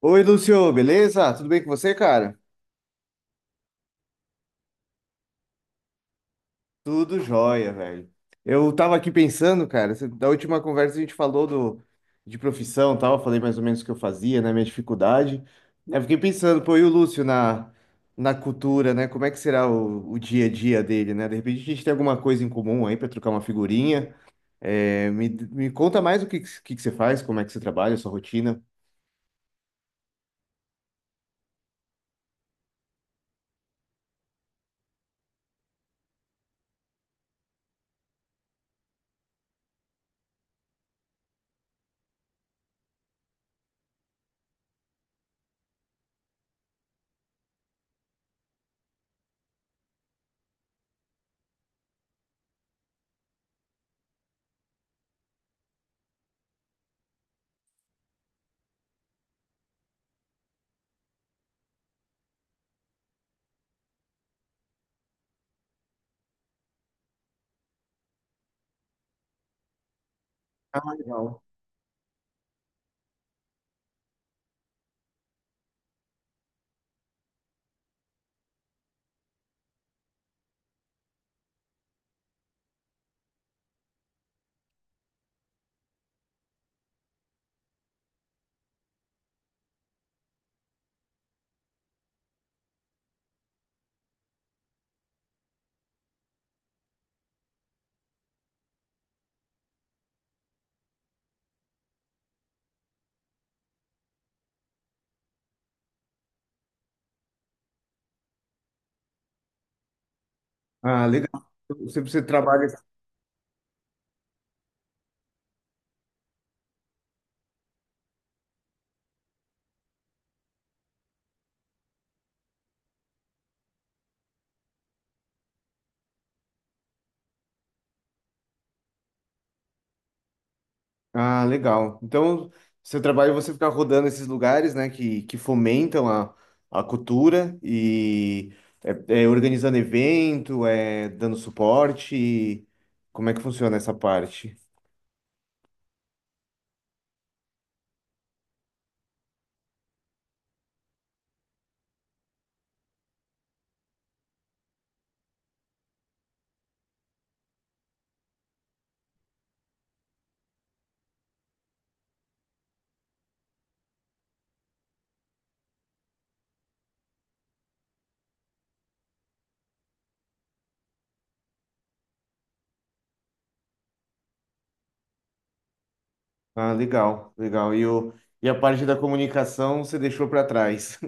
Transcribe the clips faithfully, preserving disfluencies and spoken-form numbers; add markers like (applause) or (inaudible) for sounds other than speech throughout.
Oi, Lúcio, beleza? Tudo bem com você, cara? Tudo jóia, velho. Eu tava aqui pensando, cara, cê- da última conversa a gente falou do, de profissão e tal, falei mais ou menos o que eu fazia, né, minha dificuldade. Eu fiquei pensando, pô, e o Lúcio na, na cultura, né, como é que será o, o dia a dia dele, né? De repente a gente tem alguma coisa em comum aí pra trocar uma figurinha. É, me, me conta mais o que, que, que você faz, como é que você trabalha, a sua rotina. Ah, legal. Ah, legal. Você, você trabalha. Ah, legal. Então, seu trabalho é você ficar rodando esses lugares, né, que, que fomentam a, a cultura e é, é organizando evento, é dando suporte. E como é que funciona essa parte? Ah, legal, legal. E, o, e a parte da comunicação você deixou para trás.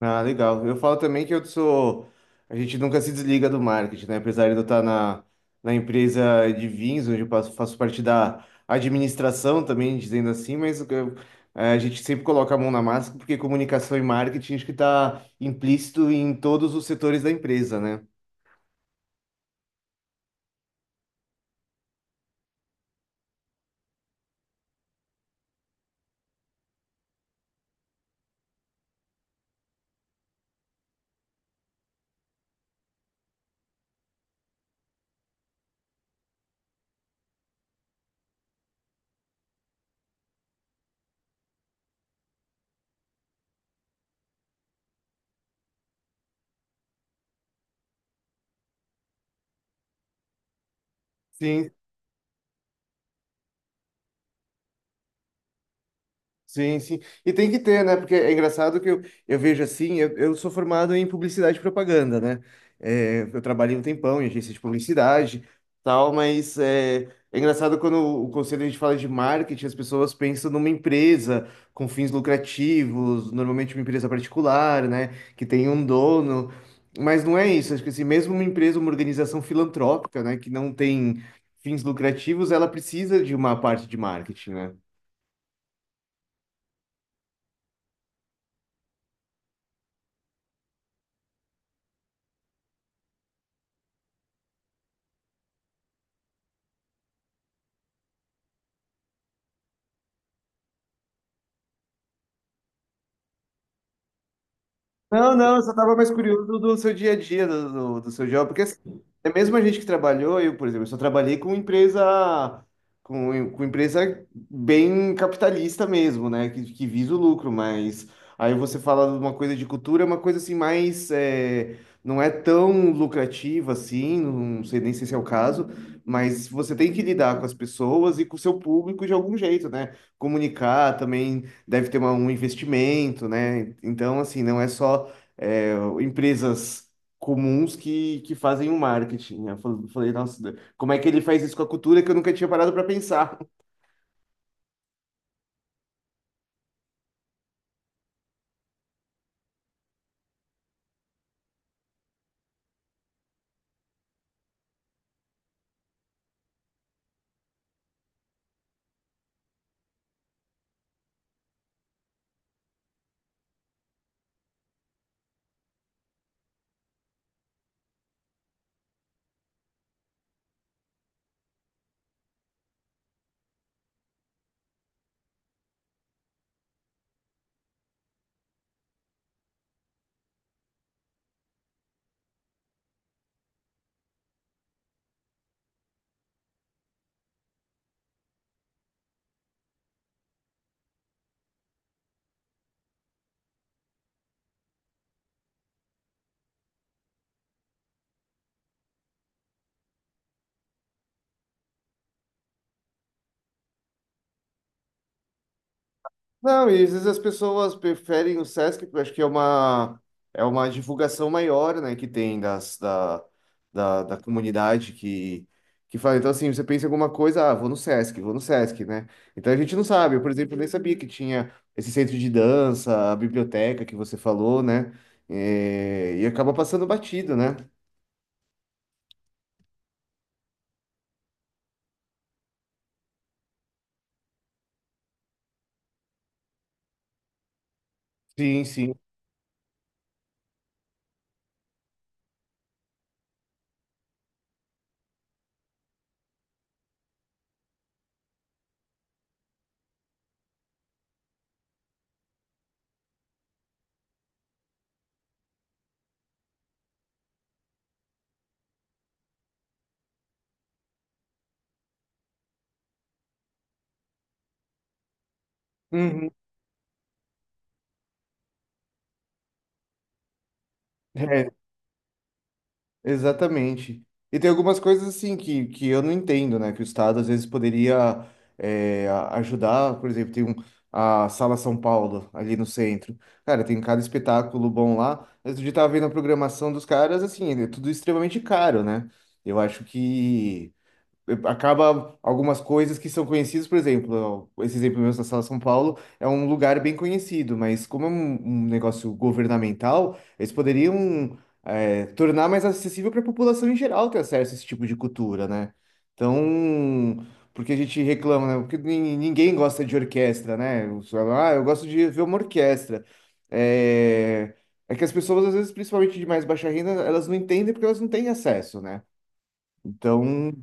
Ah, legal. Eu falo também que eu sou. A gente nunca se desliga do marketing, né? Apesar de eu estar na, na empresa de vinhos, onde eu passo- faço parte da administração também, dizendo assim, mas eu- eh, a gente sempre coloca a mão na massa, porque comunicação e marketing acho que está implícito em todos os setores da empresa, né? Sim. Sim, sim. E tem que ter, né? Porque é engraçado que eu, eu vejo assim, eu, eu sou formado em publicidade e propaganda, né? É, eu trabalhei um tempão em agência de publicidade, tal, mas é, é engraçado quando o conselho a gente fala de marketing, as pessoas pensam numa empresa com fins lucrativos, normalmente uma empresa particular, né? Que tem um dono. Mas não é isso. Acho que assim, mesmo uma empresa, uma organização filantrópica, né? Que não tem fins lucrativos, ela precisa de uma parte de marketing, né? Não, não, eu só estava mais curioso do do seu dia a dia, do, do, do seu job, porque assim, é mesmo a gente que trabalhou, eu, por exemplo, eu só trabalhei com empresa, com, com empresa bem capitalista mesmo, né, que, que visa o lucro, mas aí você fala de uma coisa de cultura, é uma coisa assim mais, é, não é tão lucrativa assim, não sei nem se esse é o caso, mas você tem que lidar com as pessoas e com o seu público de algum jeito, né, comunicar também deve ter uma- um investimento, né, então assim, não é só é, empresas comuns que, que fazem o marketing. Eu fal- falei, nossa, como é que ele faz isso com a cultura que eu nunca tinha parado para pensar? (laughs) Não, e às vezes as pessoas preferem o Sesc, porque eu acho que é uma, é uma divulgação maior, né, que tem das, da, da, da comunidade que, que fala. Então, assim, você pensa em alguma coisa, ah, vou no Sesc, vou no Sesc, né? Então a gente não sabe. Eu, por exemplo, nem sabia que tinha esse centro de dança, a biblioteca que você falou, né? É, e acaba passando batido, né? Sim, sim. Uhum. É, exatamente. E tem algumas coisas assim que, que eu não entendo, né? Que o Estado às vezes poderia é, a- ajudar, por exemplo, tem um, a Sala São Paulo ali no centro. Cara, tem cada espetáculo bom lá. Mas eu já tava vendo a programação dos caras, assim, é tudo extremamente caro, né? Eu acho que eh, acaba algumas coisas que são conhecidas, por exemplo, ó, esse exemplo mesmo da Sala São Paulo é um lugar bem conhecido, mas como é um, um negócio governamental, eles poderiam é, tornar mais acessível para a população em geral ter acesso a esse tipo de cultura, né? Então, porque a gente reclama, né? Porque nin- ninguém gosta de orquestra, né? Os- Ah, eu gosto de ver uma orquestra. É... É que as pessoas, às vezes, principalmente de mais baixa renda, elas não entendem porque elas não têm acesso, né? Então,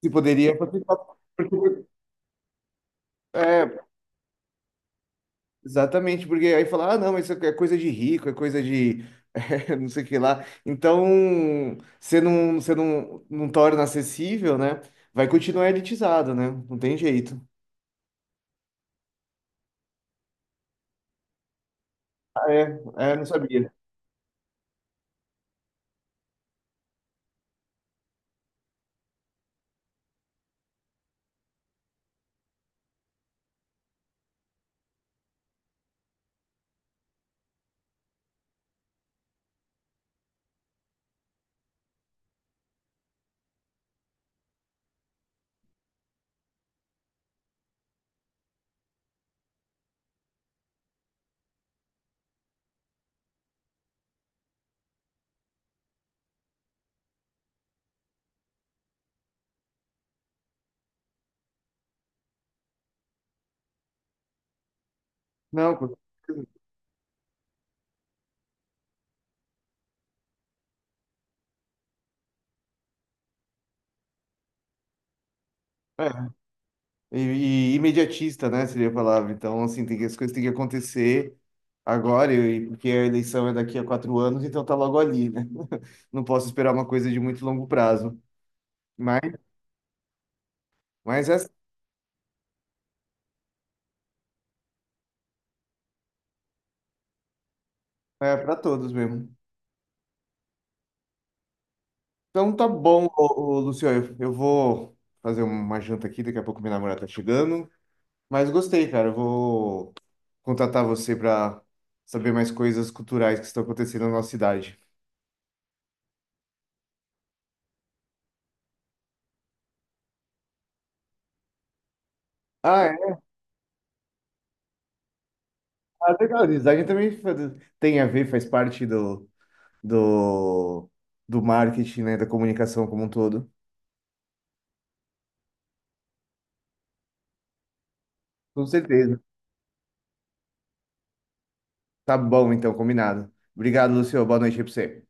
se poderia participar. Porque- É, exatamente, porque aí falar, ah, não, mas isso é coisa de rico, é coisa de (laughs) é, não sei o que lá. Então, você não, você não, não torna acessível, né? Vai continuar elitizado, né? Não tem jeito. Ah, é, é, não sabia. Não, com certeza. É. E, e imediatista, né, seria a palavra. Então, assim, tem que, as coisas têm que acontecer agora, e, porque a eleição é daqui a quatro anos, então tá logo ali, né? (laughs) Não posso esperar uma coisa de muito longo prazo. Mas. Mas é, é para todos mesmo. Então tá bom, ô, ô, Luciano. Eu, eu vou fazer uma janta aqui, daqui a pouco minha namorada tá chegando. Mas gostei, cara. Eu vou contatar você para saber mais coisas culturais que estão acontecendo na nossa cidade. Ah, é. Ah, legal. Design também fa- tem a ver, faz parte do, do, do marketing, né? Da comunicação como um todo. Com certeza. Tá bom, então, combinado. Obrigado, Lucio. Boa noite aí pra você.